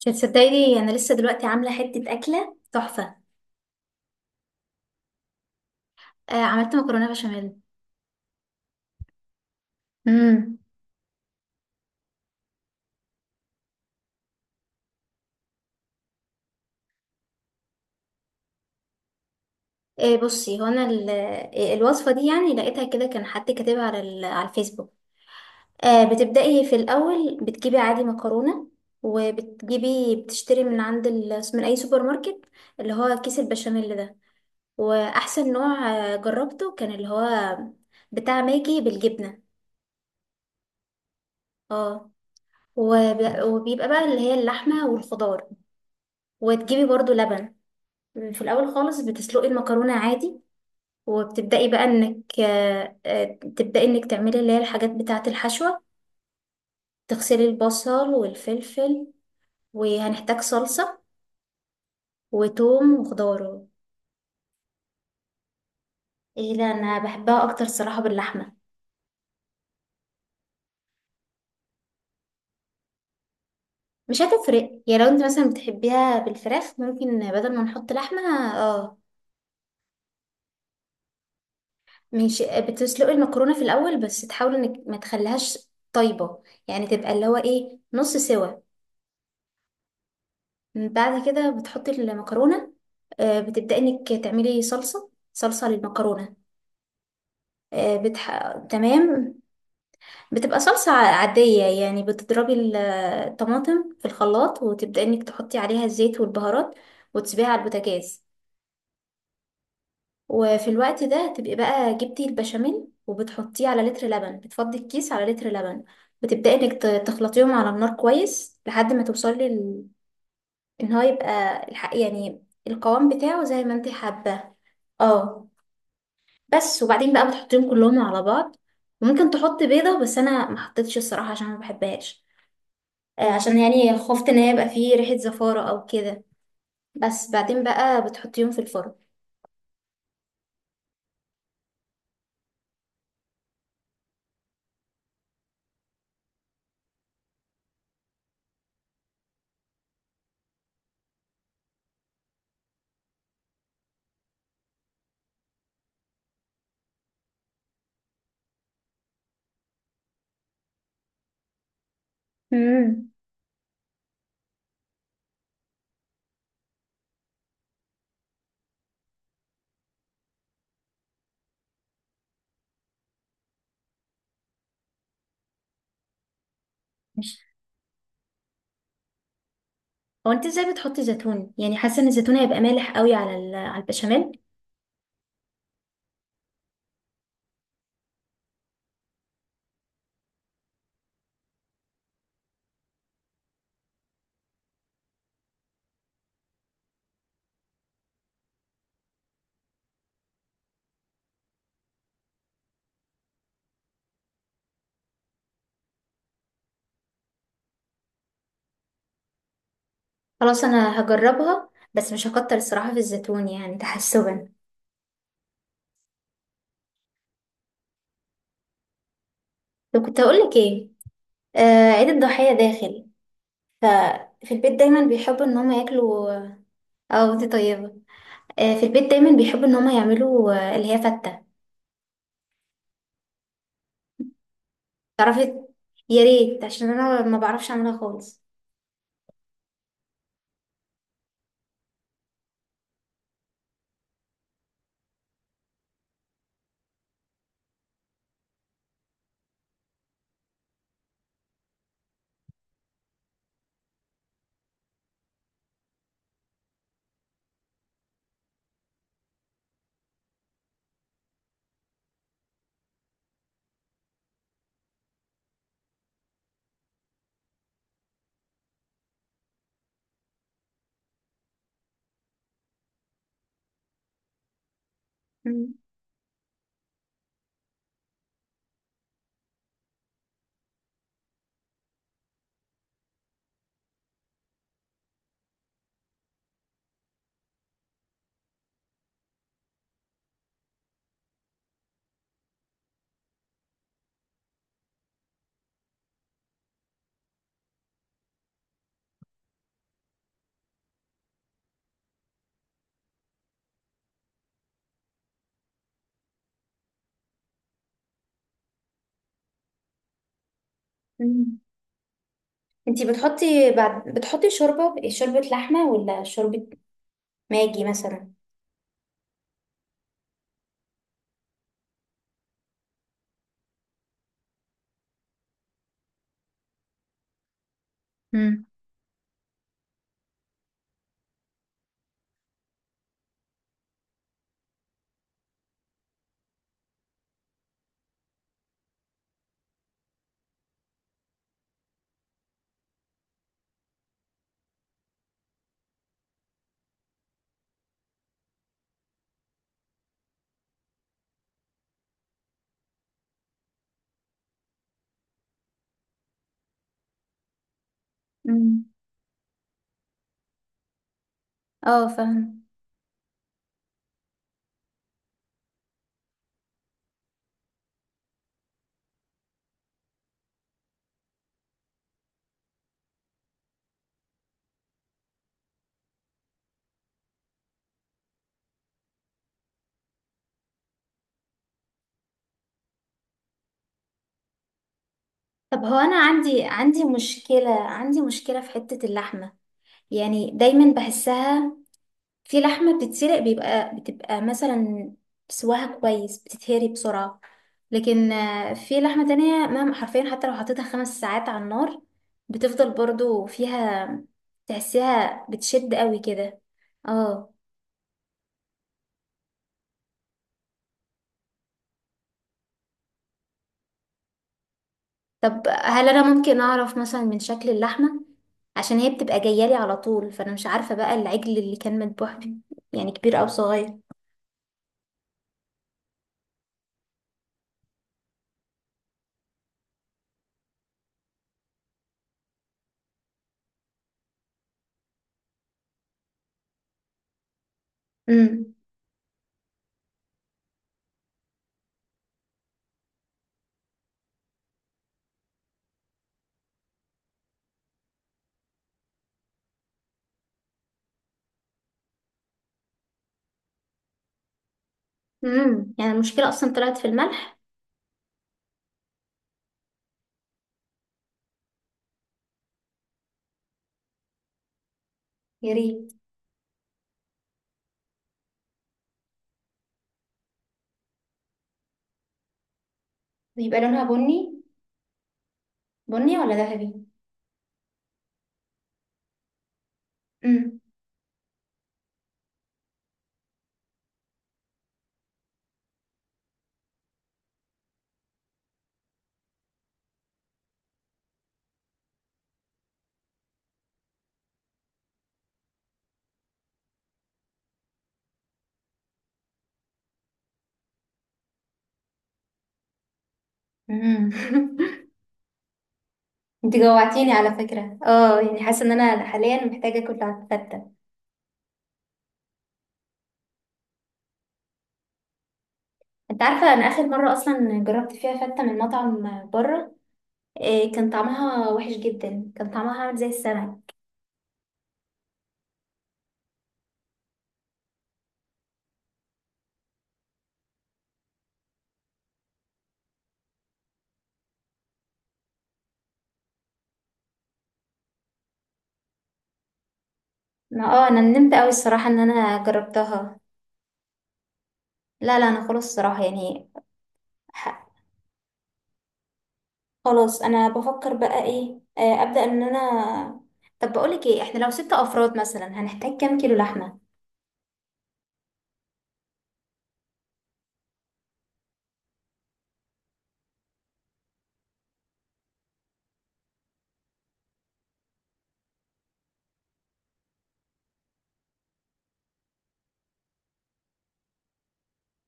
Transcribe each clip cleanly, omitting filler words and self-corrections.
مش هتصدقيني، انا لسه دلوقتي عامله حته اكله تحفه. عملت مكرونه بشاميل. امم بصي، هو انا الوصفه دي يعني لقيتها كده، كان حد كاتبها على على الفيسبوك. آه، بتبداي في الاول بتجيبي عادي مكرونه، وبتجيبي بتشتري من من اي سوبر ماركت، اللي هو كيس البشاميل ده. واحسن نوع جربته كان اللي هو بتاع ماجي بالجبنه. اه. وب... وبيبقى بقى اللي هي اللحمه والخضار، وتجيبي برضو لبن. في الاول خالص بتسلقي المكرونه عادي، وبتبداي بقى انك تبداي انك تعملي اللي هي الحاجات بتاعه الحشوه. تغسلي البصل والفلفل، وهنحتاج صلصه وتوم وخضار. ايه، لا، انا بحبها اكتر صراحه باللحمه. مش هتفرق يعني، لو انت مثلا بتحبيها بالفراخ ممكن بدل ما نحط لحمه. اه. مش بتسلقي المكرونه في الاول، بس تحاولي انك ما تخليهاش طيبه، يعني تبقى اللي هو ايه نص سوا. بعد كده بتحطي المكرونة. بتبدأي انك تعملي صلصة للمكرونة. تمام. بتبقى صلصة عادية، يعني بتضربي الطماطم في الخلاط، وتبدأي انك تحطي عليها الزيت والبهارات، وتسيبيها على البوتاجاز. وفي الوقت ده تبقي بقى جبتي البشاميل، وبتحطيه على لتر لبن، بتفضي الكيس على لتر لبن. بتبدأي انك تخلطيهم على النار كويس لحد ما توصلي ان هو يبقى يعني القوام بتاعه زي ما انت حابة. اه. بس وبعدين بقى بتحطيهم كلهم على بعض. وممكن تحط بيضة، بس انا ما حطيتش الصراحة عشان ما بحبهاش. عشان يعني خفت ان هي يبقى فيه ريحة زفارة او كده. بس بعدين بقى بتحطيهم في الفرن. امم هو انت ازاي بتحطي زيتون؟ يعني حاسة ان الزيتون هيبقى مالح قوي على على البشاميل. خلاص، انا هجربها بس مش هكتر الصراحة في الزيتون، يعني تحسبا. لو كنت هقولك ايه، آه، عيد الضحية داخل، في البيت دايما بيحبوا ان هم ياكلوا. اه، انت طيبة. في البيت دايما بيحبوا ان هما يعملوا اللي هي فتة. تعرفي، يا ريت، عشان انا ما بعرفش اعملها خالص. مم. مم. انتي بتحطي بعد بتحطي شوربة لحمة ولا شوربة ماجي مثلا؟ مم. مم. اه، فاهم. طب هو انا عندي مشكلة، مشكلة في حتة اللحمة. يعني دايما بحسها، في لحمة بتتسلق بيبقى بتبقى مثلا سواها كويس بتتهري بسرعة. لكن في لحمة تانية مهما حرفيا، حتى لو حطيتها 5 ساعات على النار بتفضل برضو فيها، تحسيها بتشد قوي كده. اه. طب هل انا ممكن اعرف مثلا من شكل اللحمة؟ عشان هي بتبقى جاية لي على طول، فانا مش عارفة بقى العجل اللي كان مذبوح بيه، يعني كبير او صغير. امم يعني المشكلة اصلا طلعت في الملح. يا ريت. بيبقى لونها بني؟ بني ولا ذهبي؟ مم. مم. انت جوعتيني على فكرة. اه، يعني حاسة ان انا حاليا محتاجة اكل على الفتة. انت عارفة، انا اخر مرة اصلا جربت فيها فتة من مطعم بره، إيه كان طعمها وحش جدا، كان طعمها عامل زي السمك. ما اه انا ندمت قوي الصراحة ان انا جربتها. لا لا، انا خلاص الصراحة يعني. ح- خلاص انا بفكر بقى ايه، ابدأ ان انا. طب بقولك ايه، احنا لو ستة افراد مثلا هنحتاج كام كيلو لحمة؟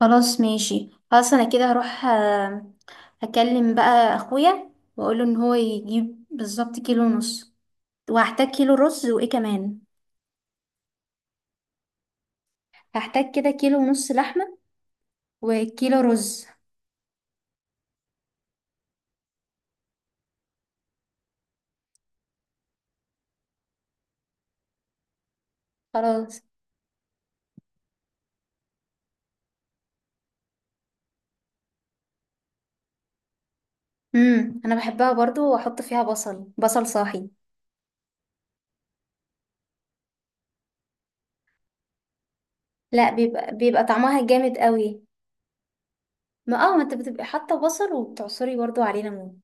خلاص ماشي، خلاص انا كده هروح اكلم بقى اخويا، واقوله ان هو يجيب بالظبط كيلو ونص. وهحتاج كيلو رز وايه كمان؟ هحتاج كده كيلو ونص لحمة وكيلو رز. خلاص. امم، انا بحبها برضو، واحط فيها بصل صاحي. لا، بيبقى بيبقى طعمها جامد قوي. ما اه، ما انت بتبقي حاطه بصل وبتعصري برضو عليه ليمون.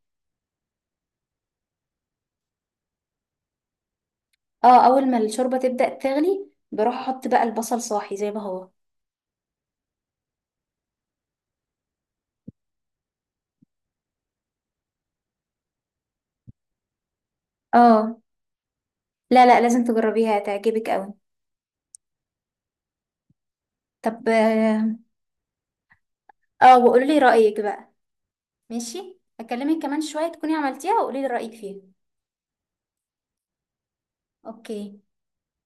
اه، اول ما الشوربة تبدأ تغلي بروح احط بقى البصل صاحي زي ما هو. اه. لا لا، لازم تجربيها هتعجبك قوي. طب اه، وقولي لي رأيك بقى. ماشي، اكلمك كمان شوية تكوني عملتيها وقولي لي رأيك فيها. اوكي.